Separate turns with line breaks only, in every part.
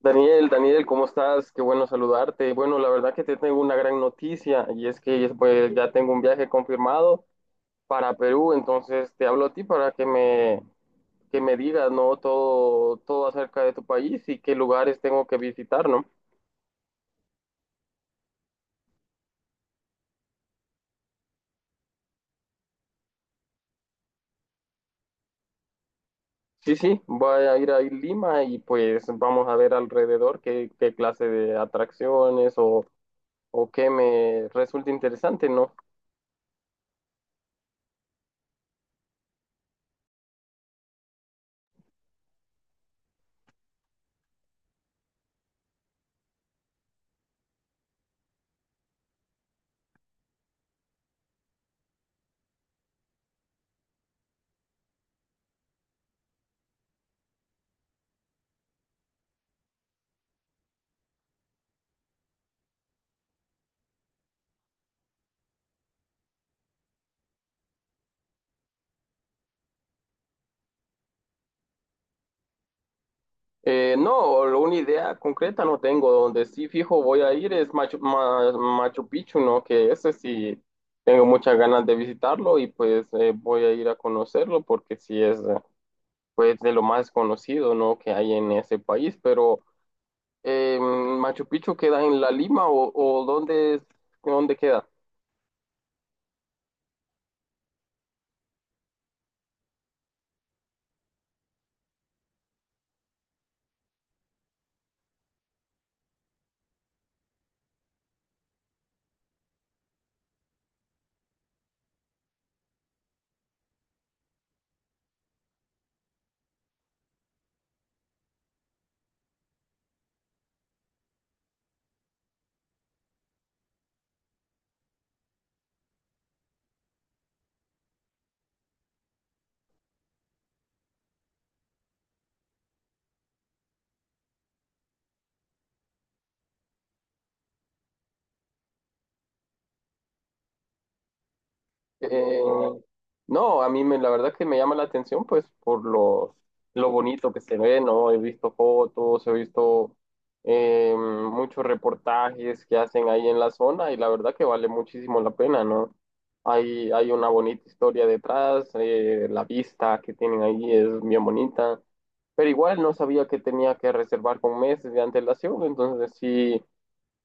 Daniel, Daniel, ¿cómo estás? Qué bueno saludarte. Bueno, la verdad que te tengo una gran noticia y es que pues, ya tengo un viaje confirmado para Perú, entonces te hablo a ti para que me digas, ¿no? Todo, todo acerca de tu país y qué lugares tengo que visitar, ¿no? Sí, sí, voy a ir a Lima y pues vamos a ver alrededor qué clase de atracciones o qué me resulta interesante, ¿no? No, una idea concreta no tengo. Donde sí fijo voy a ir es Machu Picchu, ¿no? Que ese sí tengo muchas ganas de visitarlo y pues voy a ir a conocerlo porque sí es pues de lo más conocido, ¿no? Que hay en ese país. Pero Machu Picchu queda en La Lima o ¿dónde queda? Eh, no, a mí, la verdad que me llama la atención pues por lo bonito que se ve, ¿no? He visto fotos, he visto muchos reportajes que hacen ahí en la zona y la verdad que vale muchísimo la pena, ¿no? Hay una bonita historia detrás, la vista que tienen ahí es bien bonita, pero igual no sabía que tenía que reservar con meses de antelación, entonces sí,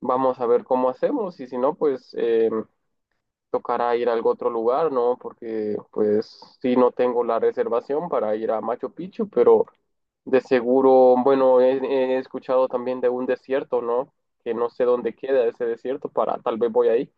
vamos a ver cómo hacemos y si no, pues, tocará ir a algún otro lugar, ¿no? Porque pues sí, no tengo la reservación para ir a Machu Picchu, pero de seguro, bueno, he escuchado también de un desierto, ¿no? Que no sé dónde queda ese desierto, para tal vez voy ahí.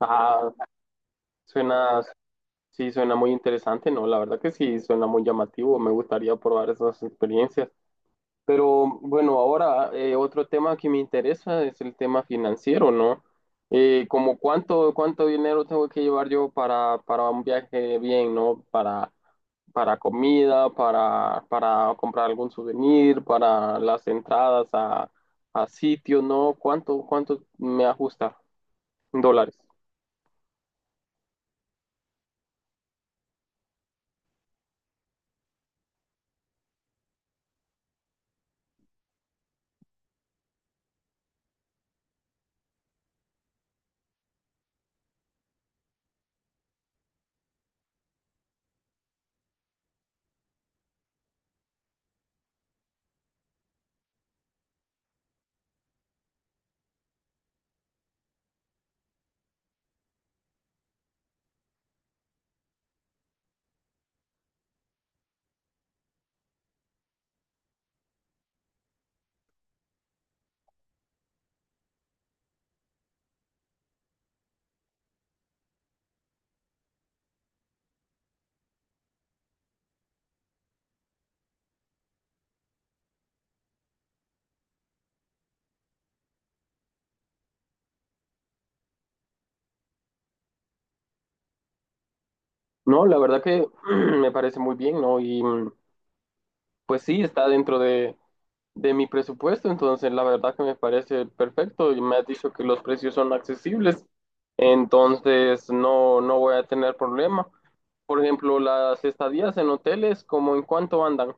Ah, suena, sí, suena muy interesante, ¿no? La verdad que sí, suena muy llamativo, me gustaría probar esas experiencias. Pero bueno, ahora otro tema que me interesa es el tema financiero, ¿no? Como cuánto dinero tengo que llevar yo para, un viaje bien, ¿no? para comida, para comprar algún souvenir, para las entradas a sitios, ¿no? ¿Cuánto me ajusta en dólares? No, la verdad que me parece muy bien, ¿no? Y, pues sí, está dentro de mi presupuesto, entonces la verdad que me parece perfecto y me has dicho que los precios son accesibles, entonces no, no voy a tener problema. Por ejemplo, las estadías en hoteles, ¿como en cuánto andan?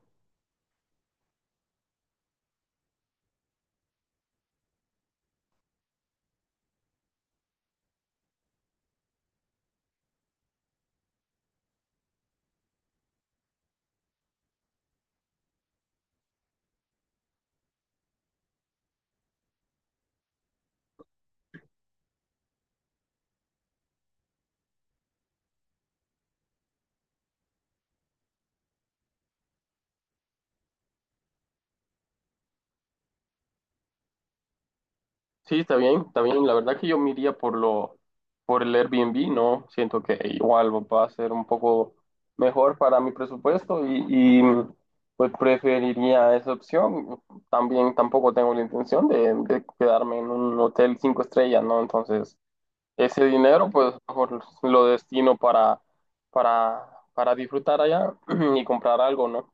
Sí, está bien, está bien. La verdad que yo me iría por lo, por el Airbnb, ¿no? Siento que igual va a ser un poco mejor para mi presupuesto y, pues preferiría esa opción. También tampoco tengo la intención de quedarme en un hotel 5 estrellas, ¿no? Entonces, ese dinero pues mejor lo destino para, para disfrutar allá y comprar algo, ¿no?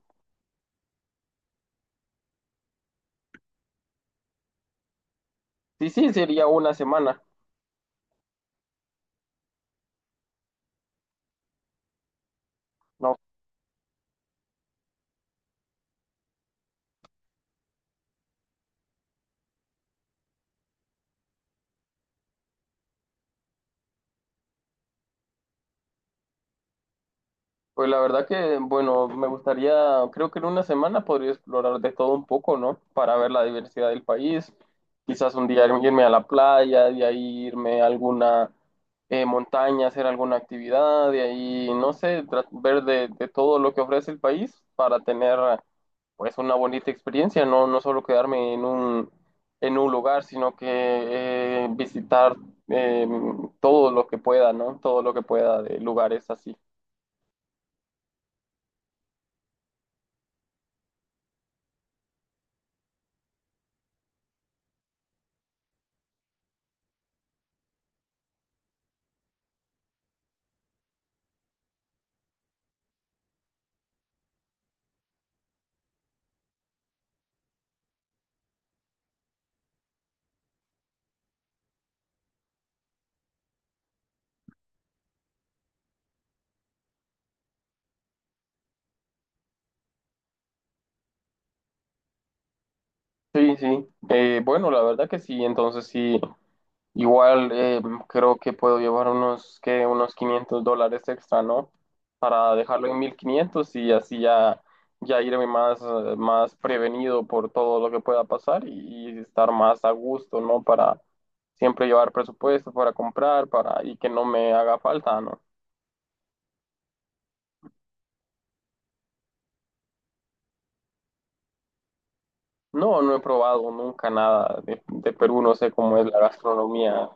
Sí, sí, sería una semana. No. Pues la verdad que, bueno, me gustaría, creo que en una semana podría explorar de todo un poco, ¿no? Para ver la diversidad del país. Quizás un día irme a la playa, de ahí irme a alguna montaña, hacer alguna actividad, de ahí, no sé, ver de todo lo que ofrece el país para tener pues una bonita experiencia, no, no solo quedarme en un lugar, sino que visitar eh, todo lo que pueda, ¿no? Todo lo que pueda de lugares así. Sí, sí. Bueno, la verdad que sí. Entonces sí, igual creo que puedo llevar unos 500 dólares extra, ¿no? Para dejarlo en 1.500 y así ya, ya irme más, más prevenido por todo lo que pueda pasar y estar más a gusto, ¿no? Para siempre llevar presupuesto para comprar, para y que no me haga falta, ¿no? No, no he probado nunca nada de Perú, no sé cómo es la gastronomía.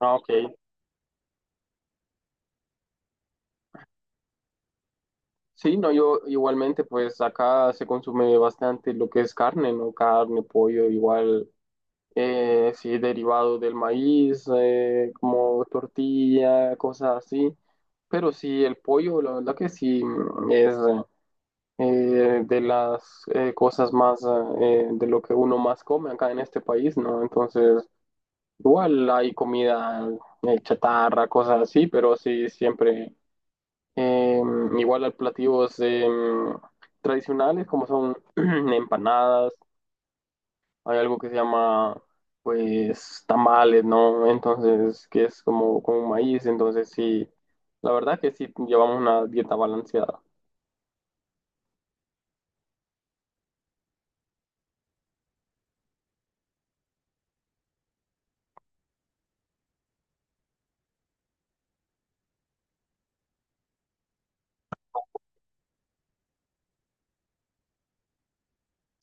Ah, ok. Sí, no, yo igualmente, pues acá se consume bastante lo que es carne, ¿no? Carne, pollo, igual, sí, derivado del maíz, como tortilla, cosas así. Pero sí, el pollo, la verdad que sí, es de las cosas más, de lo que uno más come acá en este país, ¿no? Entonces, igual hay comida chatarra, cosas así, pero sí, siempre. Igual hay platillos tradicionales como son empanadas, hay algo que se llama pues tamales, ¿no? Entonces, que es como con maíz, entonces sí, la verdad que sí llevamos una dieta balanceada.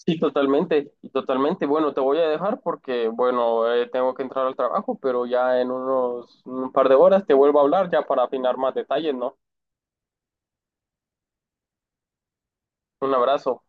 Sí, totalmente, y totalmente. Bueno, te voy a dejar porque, bueno, tengo que entrar al trabajo, pero ya en unos un par de horas te vuelvo a hablar ya para afinar más detalles, ¿no? Un abrazo.